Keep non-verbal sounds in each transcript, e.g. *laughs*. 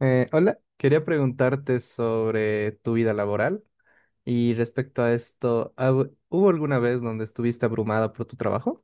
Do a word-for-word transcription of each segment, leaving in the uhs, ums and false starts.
Eh, hola, quería preguntarte sobre tu vida laboral y respecto a esto, ¿hab- hubo alguna vez donde estuviste abrumada por tu trabajo?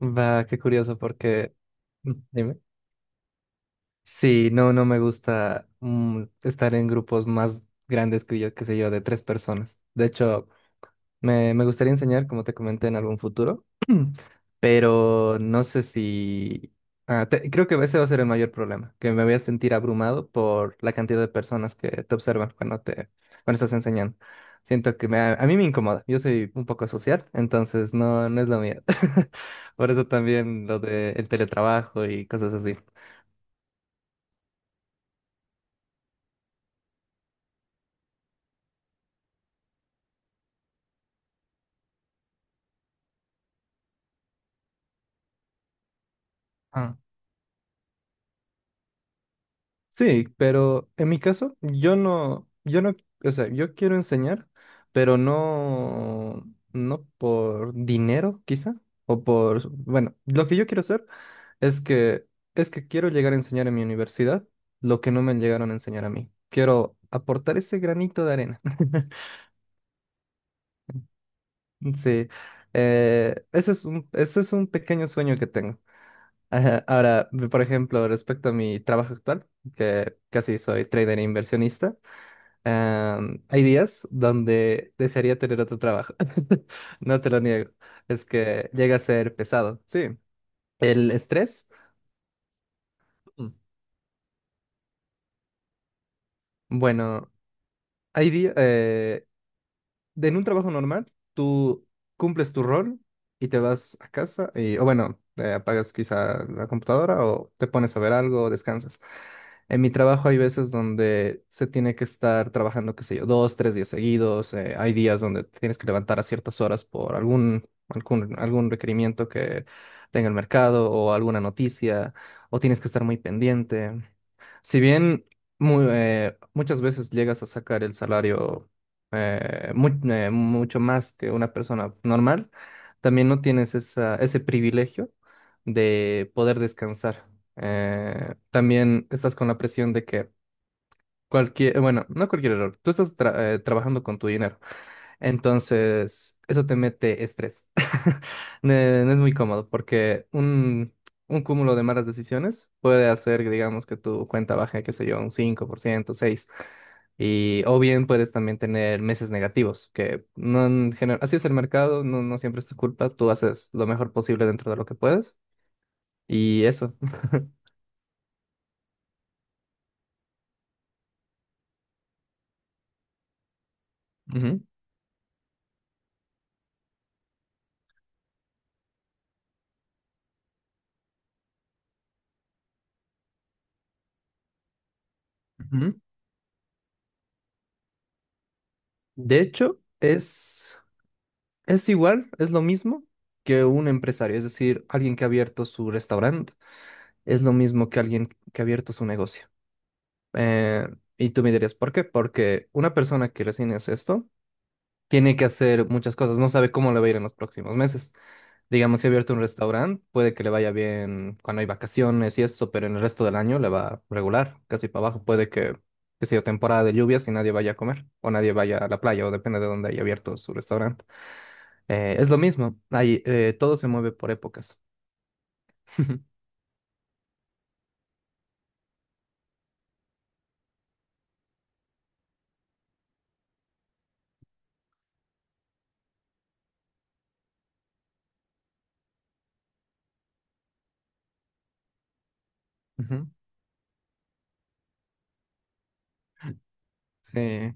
Va, qué curioso porque... Mm, dime. Sí, no, no me gusta mm, estar en grupos más grandes que yo, qué sé yo, de tres personas. De hecho, me, me gustaría enseñar, como te comenté, en algún futuro, pero no sé si... ah, te- Creo que ese va a ser el mayor problema, que me voy a sentir abrumado por la cantidad de personas que te observan cuando te, cuando estás enseñando. Siento que me, a mí me incomoda, yo soy un poco social, entonces no, no es lo mío. *laughs* Por eso también lo del teletrabajo y cosas así. Sí, pero en mi caso, yo no, yo no, o sea, yo quiero enseñar, pero no, no por dinero, quizá, o por, bueno, lo que yo quiero hacer es que, es que quiero llegar a enseñar en mi universidad lo que no me llegaron a enseñar a mí. Quiero aportar ese granito de arena. *laughs* Sí, eh, ese es un, ese es un pequeño sueño que tengo. Ajá. Ahora, por ejemplo, respecto a mi trabajo actual, que casi soy trader e inversionista. Am, hay días donde desearía tener otro trabajo. *laughs* No te lo niego. Es que llega a ser pesado. Sí. El estrés. mm, Bueno, hay días. De- en un trabajo normal, tú cumples tu rol y te vas a casa, y, o bueno, eh, apagas quizá la computadora o te pones a ver algo o descansas. En mi trabajo hay veces donde se tiene que estar trabajando, qué sé yo, dos, tres días seguidos. Eh, hay días donde te tienes que levantar a ciertas horas por algún, algún, algún requerimiento que tenga el mercado o alguna noticia, o tienes que estar muy pendiente. Si bien mu- eh, muchas veces llegas a sacar el salario eh, mu- eh, mucho más que una persona normal, también no tienes esa, ese privilegio de poder descansar. Eh, también estás con la presión de que cualquier, bueno, no cualquier error, tú estás tra- eh, trabajando con tu dinero. Entonces, eso te mete estrés. *laughs* Ne- No es muy cómodo porque un, un cúmulo de malas decisiones puede hacer que, digamos, que tu cuenta baje, qué sé yo, un cinco por ciento, seis por ciento. Y, o bien puedes también tener meses negativos, que no en general, así es el mercado, no, no siempre es tu culpa, tú haces lo mejor posible dentro de lo que puedes y eso. *laughs* Ujú, ujú. De hecho, es, es igual, es lo mismo que un empresario, es decir, alguien que ha abierto su restaurante, es lo mismo que alguien que ha abierto su negocio. Eh, y tú me dirías, ¿por qué? Porque una persona que recién hace esto tiene que hacer muchas cosas, no sabe cómo le va a ir en los próximos meses. Digamos, si ha abierto un restaurante, puede que le vaya bien cuando hay vacaciones y esto, pero en el resto del año le va regular, casi para abajo. Puede que, que sea temporada de lluvias y nadie vaya a comer, o nadie vaya a la playa, o depende de dónde haya abierto su restaurante. Eh, es lo mismo, hay, eh, todo se mueve por épocas. *laughs* Ujú. Sí.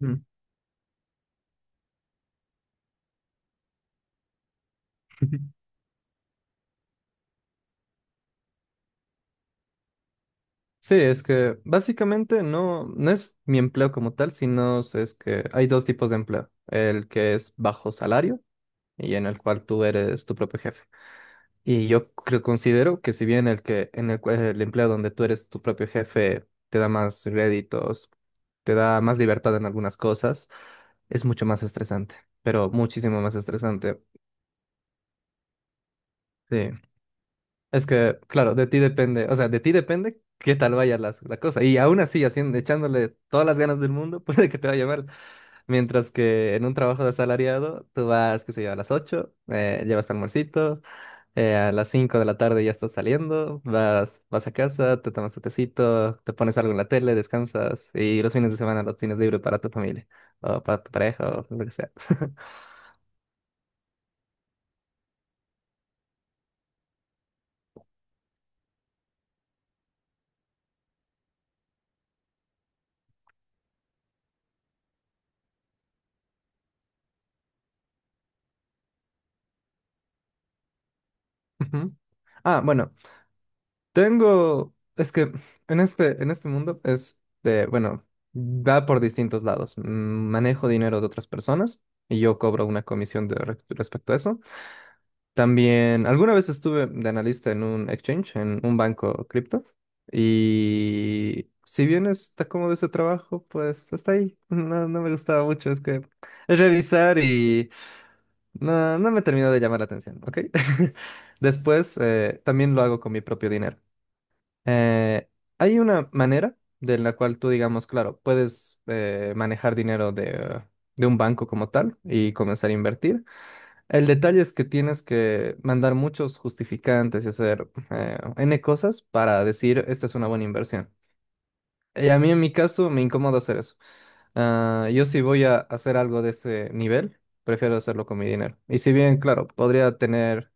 Mm. *laughs* Sí, es que básicamente no, no es mi empleo como tal, sino es es que hay dos tipos de empleo. El que es bajo salario y en el cual tú eres tu propio jefe. Y yo creo, considero que si bien el que en el, cual- el empleo donde tú eres tu propio jefe te da más réditos, te da más libertad en algunas cosas, es mucho más estresante, pero muchísimo más estresante. Sí. Es que, claro, de ti depende, o sea, de ti depende qué tal vaya la la, cosa. Y aún así, haciendo, echándole todas las ganas del mundo, *laughs* puede que te vaya mal. Mientras que en un trabajo de asalariado, tú vas, qué sé yo, a las ocho eh, llevas tu almuercito, eh, a las cinco de la tarde ya estás saliendo, vas, vas a casa, te tomas tu tecito, te pones algo en la tele, descansas y los fines de semana los tienes libre para tu familia o para tu pareja o lo que sea. *laughs* Ujú. Ah, bueno, tengo, es que en este, en este mundo es de, bueno, va por distintos lados. Mm, manejo dinero de otras personas y yo cobro una comisión de, re- respecto a eso. También, alguna vez estuve de analista en un exchange, en un banco cripto, y si bien está cómodo ese trabajo, pues hasta ahí. No, no me gustaba mucho, es que es revisar y no, no me terminó de llamar la atención, ¿ok? *laughs* Después, eh, también lo hago con mi propio dinero. Eh, Hay una manera de la cual tú, digamos, claro, puedes eh, manejar dinero de, de un banco como tal y comenzar a invertir. El detalle es que tienes que mandar muchos justificantes y hacer eh, N cosas para decir esta es una buena inversión. Y a mí en mi caso me incomoda hacer eso. Ah, yo si voy a hacer algo de ese nivel, prefiero hacerlo con mi dinero. Y si bien, claro, podría tener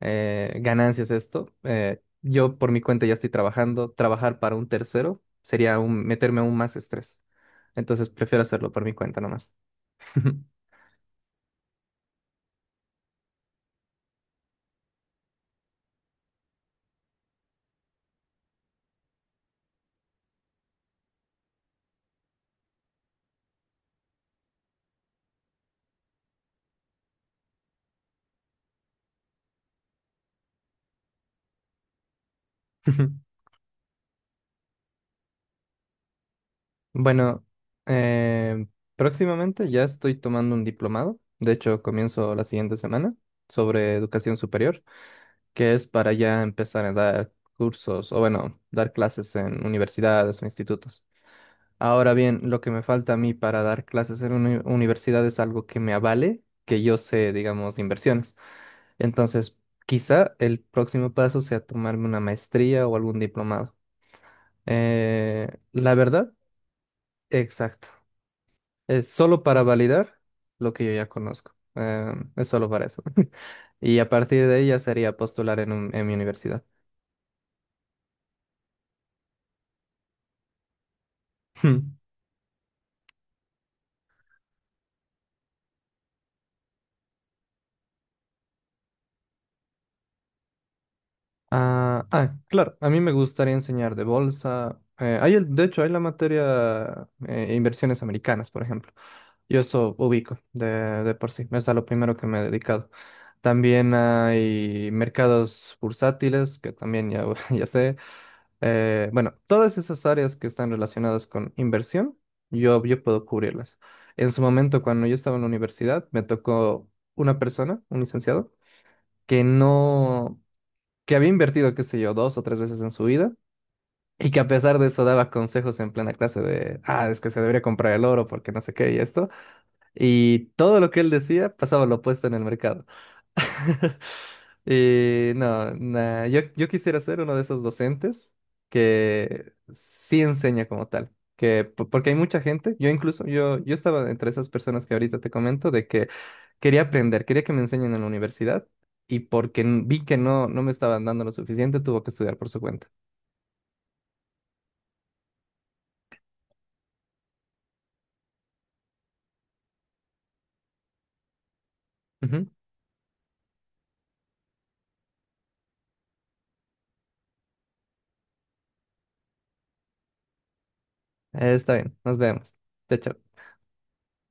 eh, ganancias esto. Eh, yo por mi cuenta ya estoy trabajando. Trabajar para un tercero sería aún- meterme aún más estrés. Entonces prefiero hacerlo por mi cuenta nomás. *laughs* Bueno, eh, próximamente ya estoy tomando un diplomado. De hecho, comienzo la siguiente semana sobre educación superior, que es para ya empezar a dar cursos o bueno, dar clases en universidades o institutos. Ahora bien, lo que me falta a mí para dar clases en una universidad es algo que me avale, que yo sé, digamos, de inversiones. Entonces, quizá el próximo paso sea tomarme una maestría o algún diplomado. Eh, la verdad, exacto. Es solo para validar lo que yo ya conozco. Eh, es solo para eso. *laughs* Y a partir de ahí ya sería postular en un- en mi universidad. *laughs* Ah, ah, claro, a mí me gustaría enseñar de bolsa. Eh, hay el, de hecho, hay la materia eh, inversiones americanas, por ejemplo. Yo eso ubico de, de por sí, es a lo primero que me he dedicado. También hay mercados bursátiles, que también ya, *laughs* ya sé. Eh, bueno, todas esas áreas que están relacionadas con inversión, yo, yo puedo cubrirlas. En su momento, cuando yo estaba en la universidad, me tocó una persona, un licenciado, que no que había invertido, qué sé yo, dos o tres veces en su vida y que a pesar de eso daba consejos en plena clase de, ah, es que se debería comprar el oro porque no sé qué y esto. Y todo lo que él decía pasaba lo opuesto en el mercado. *laughs* Y no, nah, yo, yo quisiera ser uno de esos docentes que sí enseña como tal. Que, po- porque hay mucha gente, yo incluso, yo, yo estaba entre esas personas que ahorita te comento, de que quería aprender, quería que me enseñen en la universidad y porque n- vi que no, no me estaban dando lo suficiente, tuvo que estudiar por su cuenta. Ujú. Eh, está bien, nos vemos. Chao, chao.